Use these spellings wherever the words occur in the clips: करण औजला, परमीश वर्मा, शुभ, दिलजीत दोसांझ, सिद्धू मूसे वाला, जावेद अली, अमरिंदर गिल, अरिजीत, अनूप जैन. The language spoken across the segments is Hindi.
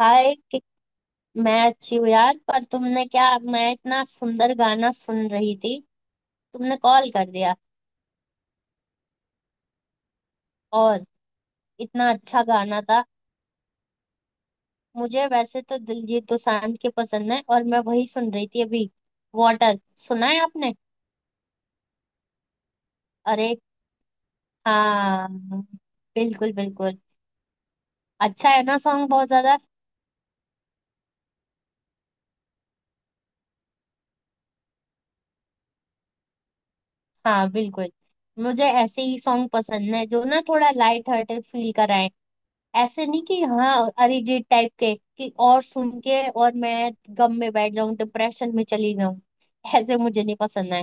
हाय मैं अच्छी हूँ यार। पर तुमने क्या, मैं इतना सुंदर गाना सुन रही थी, तुमने कॉल कर दिया। और इतना अच्छा गाना था। मुझे वैसे तो दिलजीत दोसांझ के पसंद है, और मैं वही सुन रही थी अभी। वाटर, सुना है आपने? अरे हाँ, बिल्कुल बिल्कुल। अच्छा है ना सॉन्ग बहुत ज्यादा। हाँ बिल्कुल। मुझे ऐसे ही सॉन्ग पसंद है जो ना थोड़ा लाइट हार्टेड फील कराए। ऐसे नहीं कि हाँ अरिजीत टाइप के कि, और सुन के और मैं गम में बैठ जाऊं, डिप्रेशन में चली जाऊं। ऐसे मुझे नहीं पसंद है।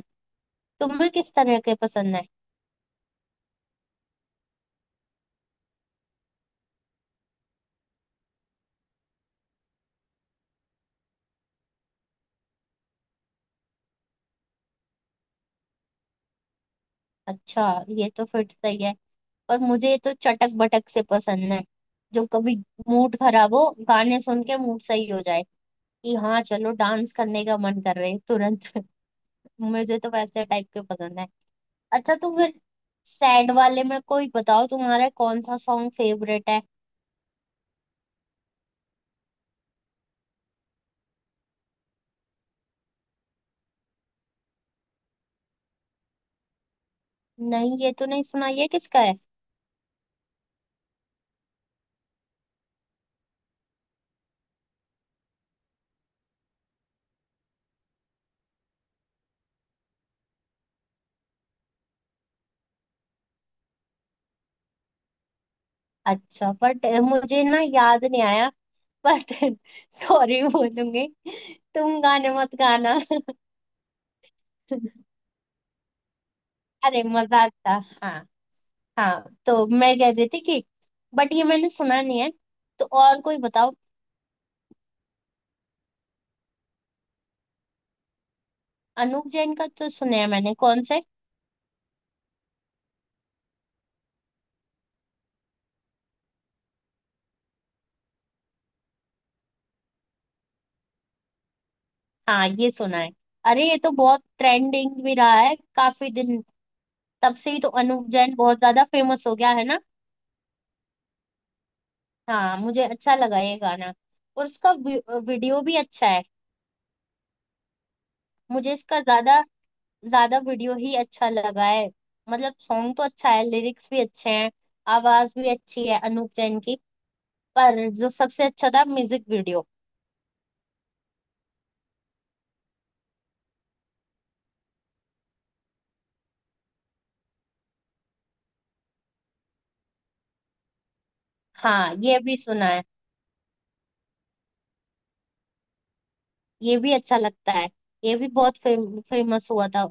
तुम्हें किस तरह के पसंद है? अच्छा, ये तो फिर सही है। पर मुझे तो चटक बटक से पसंद है, जो कभी मूड खराब हो गाने सुन के मूड सही हो जाए। कि हाँ चलो डांस करने का मन कर रहे है तुरंत। मुझे तो वैसे टाइप के पसंद है। अच्छा तो फिर सैड वाले में कोई बताओ, तुम्हारा कौन सा सॉन्ग फेवरेट है? नहीं ये तो नहीं सुना। ये किसका है? अच्छा, बट मुझे ना याद नहीं आया। बट सॉरी बोलूंगी, तुम गाने मत गाना। अरे मजाक था। हाँ। हाँ तो मैं कह रही थी कि बट ये मैंने सुना नहीं है, तो और कोई बताओ। अनूप जैन का तो सुना है मैंने, कौन से? हाँ ये सुना है। अरे ये तो बहुत ट्रेंडिंग भी रहा है काफी दिन। तब से ही तो अनूप जैन बहुत ज्यादा फेमस हो गया है ना। हाँ मुझे अच्छा लगा ये गाना। और उसका वीडियो भी अच्छा है। मुझे इसका ज्यादा ज्यादा वीडियो ही अच्छा लगा है। मतलब सॉन्ग तो अच्छा है, लिरिक्स भी अच्छे हैं, आवाज भी अच्छी है अनूप जैन की। पर जो सबसे अच्छा था म्यूजिक वीडियो। हाँ ये भी सुना है। ये भी अच्छा लगता है। ये भी बहुत फेमस हुआ था।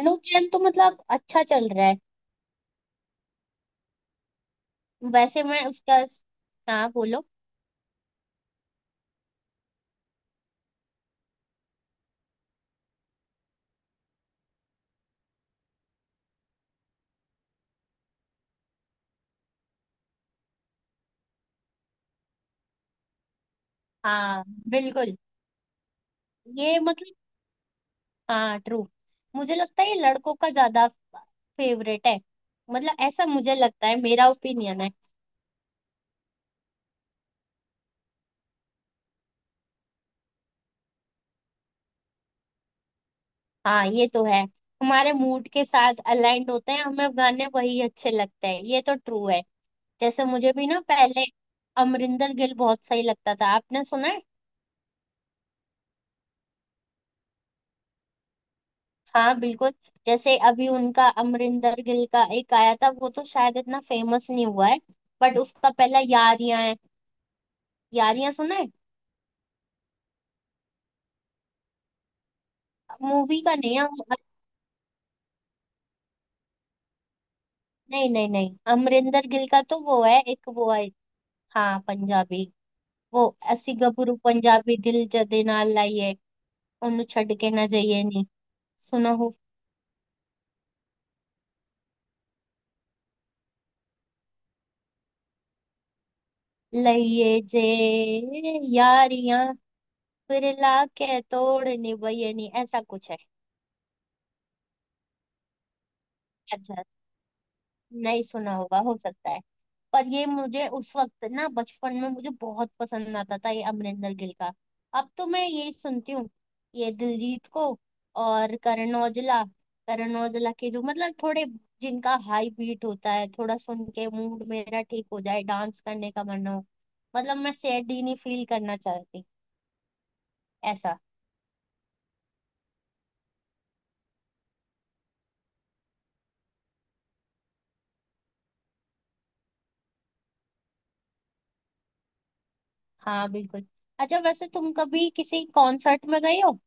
अनूप जैन तो मतलब अच्छा चल रहा है। वैसे मैं उसका, हाँ बोलो। हाँ बिल्कुल। ये मतलब, हाँ ट्रू। मुझे लगता है ये लड़कों का ज्यादा फेवरेट है। मतलब ऐसा मुझे लगता है, मेरा ओपिनियन है। हाँ ये तो है। हमारे मूड के साथ अलाइंड होते हैं हमें गाने, वही अच्छे लगते हैं, ये तो ट्रू है। जैसे मुझे भी ना पहले अमरिंदर गिल बहुत सही लगता था। आपने सुना है? हाँ बिल्कुल। जैसे अभी उनका अमरिंदर गिल का एक आया था, वो तो शायद इतना फेमस नहीं हुआ है, बट उसका पहला यारियां है। यारियां सुना है? मूवी का नहीं है वो। नहीं नहीं नहीं, अमरिंदर गिल का तो वो है, एक वो है। हाँ पंजाबी। वो अस्सी गबरू पंजाबी दिल जदे नाल लाइए, उन्हों छड़के नजये नी, सुनो हूँ, लईये जे, यारियां, फिर लाके तोड़नी, वह ये नी, ऐसा कुछ है। अच्छार। नहीं सुना होगा हो सकता है। पर ये मुझे उस वक्त ना बचपन में मुझे बहुत पसंद आता था ये अमरिंदर गिल का। अब तो मैं यही सुनती हूँ, ये दिलजीत को और करण औजला। करण औजला के जो मतलब थोड़े, जिनका हाई बीट होता है, थोड़ा सुन के मूड मेरा ठीक हो जाए, डांस करने का मन हो। मतलब मैं सैड ही नहीं फील करना चाहती, ऐसा। हाँ बिल्कुल। अच्छा वैसे तुम कभी किसी कॉन्सर्ट में गए हो?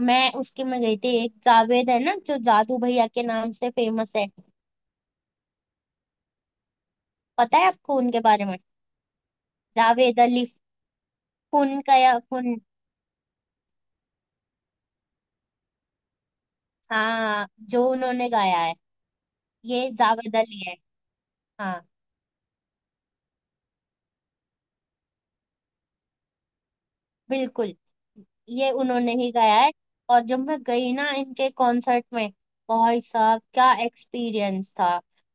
मैं उसके में गई थी, एक जावेद है ना जो जादू भैया के नाम से फेमस है। पता है आपको उनके बारे में? जावेद अली, खून का या खून। हाँ जो उन्होंने गाया है। ये जावेद अली है। हाँ बिल्कुल। ये उन्होंने ही गाया है। और जब मैं गई ना इनके कॉन्सर्ट में, भाई साहब क्या एक्सपीरियंस था।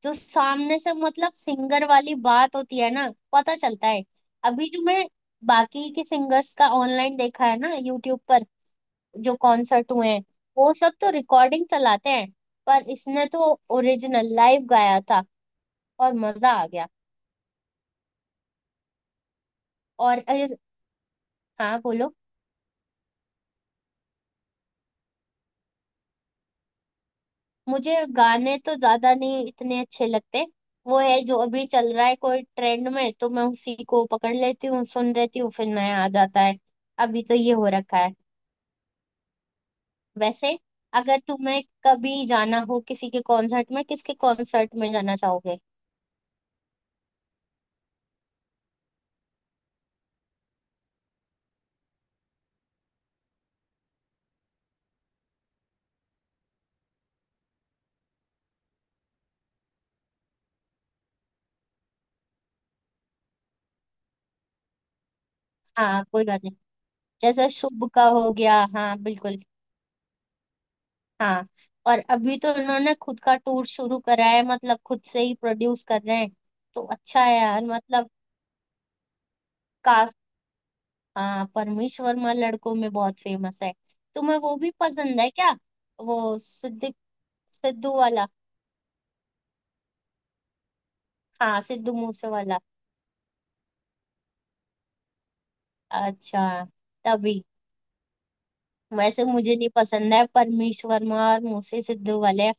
जो सामने से मतलब सिंगर वाली बात होती है ना पता चलता है। अभी जो मैं बाकी के सिंगर्स का ऑनलाइन देखा है ना यूट्यूब पर, जो कॉन्सर्ट हुए हैं, वो सब तो रिकॉर्डिंग चलाते हैं, पर इसने तो ओरिजिनल लाइव गाया था। और मजा आ गया। और हाँ बोलो। मुझे गाने तो ज्यादा नहीं इतने अच्छे लगते। वो है जो अभी चल रहा है कोई ट्रेंड में, तो मैं उसी को पकड़ लेती हूँ, सुन लेती हूँ, फिर नया आ जाता है। अभी तो ये हो रखा है। वैसे अगर तुम्हें कभी जाना हो किसी के कॉन्सर्ट में, किसके कॉन्सर्ट में जाना चाहोगे? हाँ कोई बात नहीं। जैसे शुभ का हो गया, हाँ बिल्कुल। हाँ। और अभी तो इन्होंने खुद का टूर शुरू करा है, मतलब खुद से ही प्रोड्यूस कर रहे हैं। तो अच्छा है यार मतलब। का, हाँ परमीश वर्मा लड़कों में बहुत फेमस है। तुम्हें वो भी पसंद है क्या? वो सिद्दिक, सिद्धू वाला। हाँ सिद्धू मूसे वाला। अच्छा, तभी। वैसे मुझे नहीं पसंद है परमीश वर्मा और मूसे सिद्धू वाले।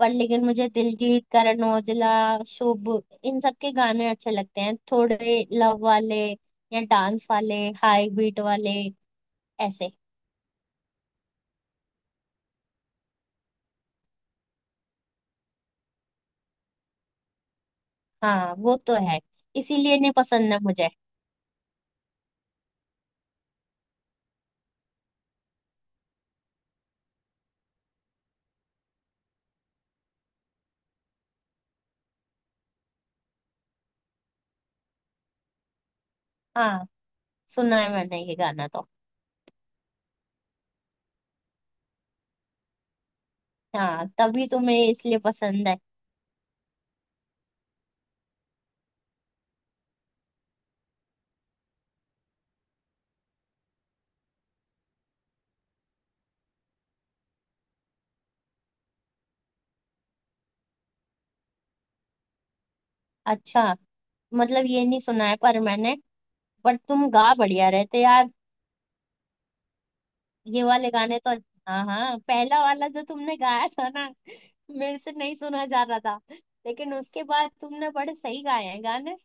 पर लेकिन मुझे दिलजीत, करण औजला, शुभ, इन सब के गाने अच्छे लगते हैं। थोड़े लव वाले, या डांस वाले, हाई बीट वाले, ऐसे। हाँ वो तो है। इसीलिए नहीं पसंद है मुझे। हाँ सुना है मैंने ये गाना तो। हाँ तभी तुम्हें इसलिए पसंद है। अच्छा, मतलब ये नहीं सुना है पर मैंने। बट तुम गा बढ़िया रहे थे यार, ये वाले गाने तो। हाँ हाँ, पहला वाला जो तुमने गाया था ना, मेरे से नहीं सुना जा रहा था। लेकिन उसके बाद तुमने बड़े सही गाए हैं गाने।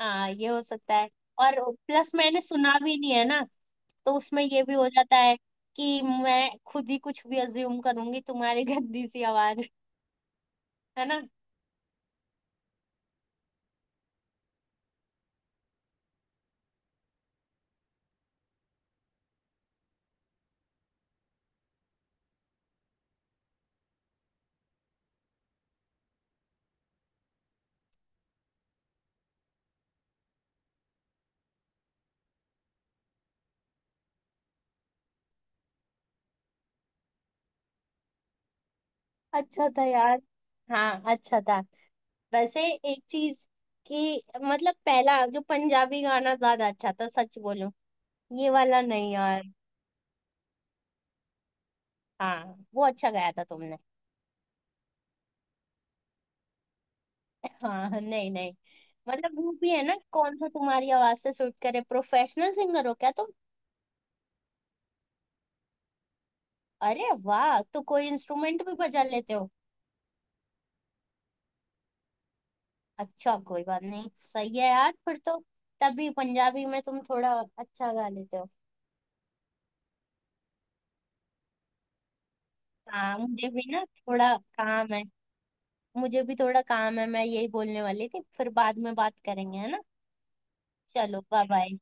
हाँ ये हो सकता है। और प्लस मैंने सुना भी नहीं है ना, तो उसमें ये भी हो जाता है कि मैं खुद ही कुछ भी अज्यूम करूंगी, तुम्हारी गंदी सी आवाज, है ना। अच्छा था यार। हाँ अच्छा था। वैसे एक चीज कि मतलब पहला जो पंजाबी गाना ज्यादा अच्छा था, सच बोलूं, ये वाला नहीं यार। हाँ वो अच्छा गाया था तुमने। हाँ नहीं नहीं। मतलब वो भी है ना कौन सा तुम्हारी आवाज से सूट करे। प्रोफेशनल सिंगर हो क्या तुम? अरे वाह, तो कोई इंस्ट्रूमेंट भी बजा लेते हो? अच्छा कोई बात नहीं, सही है यार फिर तो। तभी पंजाबी में तुम थोड़ा अच्छा गा लेते हो। हाँ मुझे भी ना थोड़ा काम है। मुझे भी थोड़ा काम है, मैं यही बोलने वाली थी, फिर बाद में बात करेंगे, है ना। चलो बाय बाय।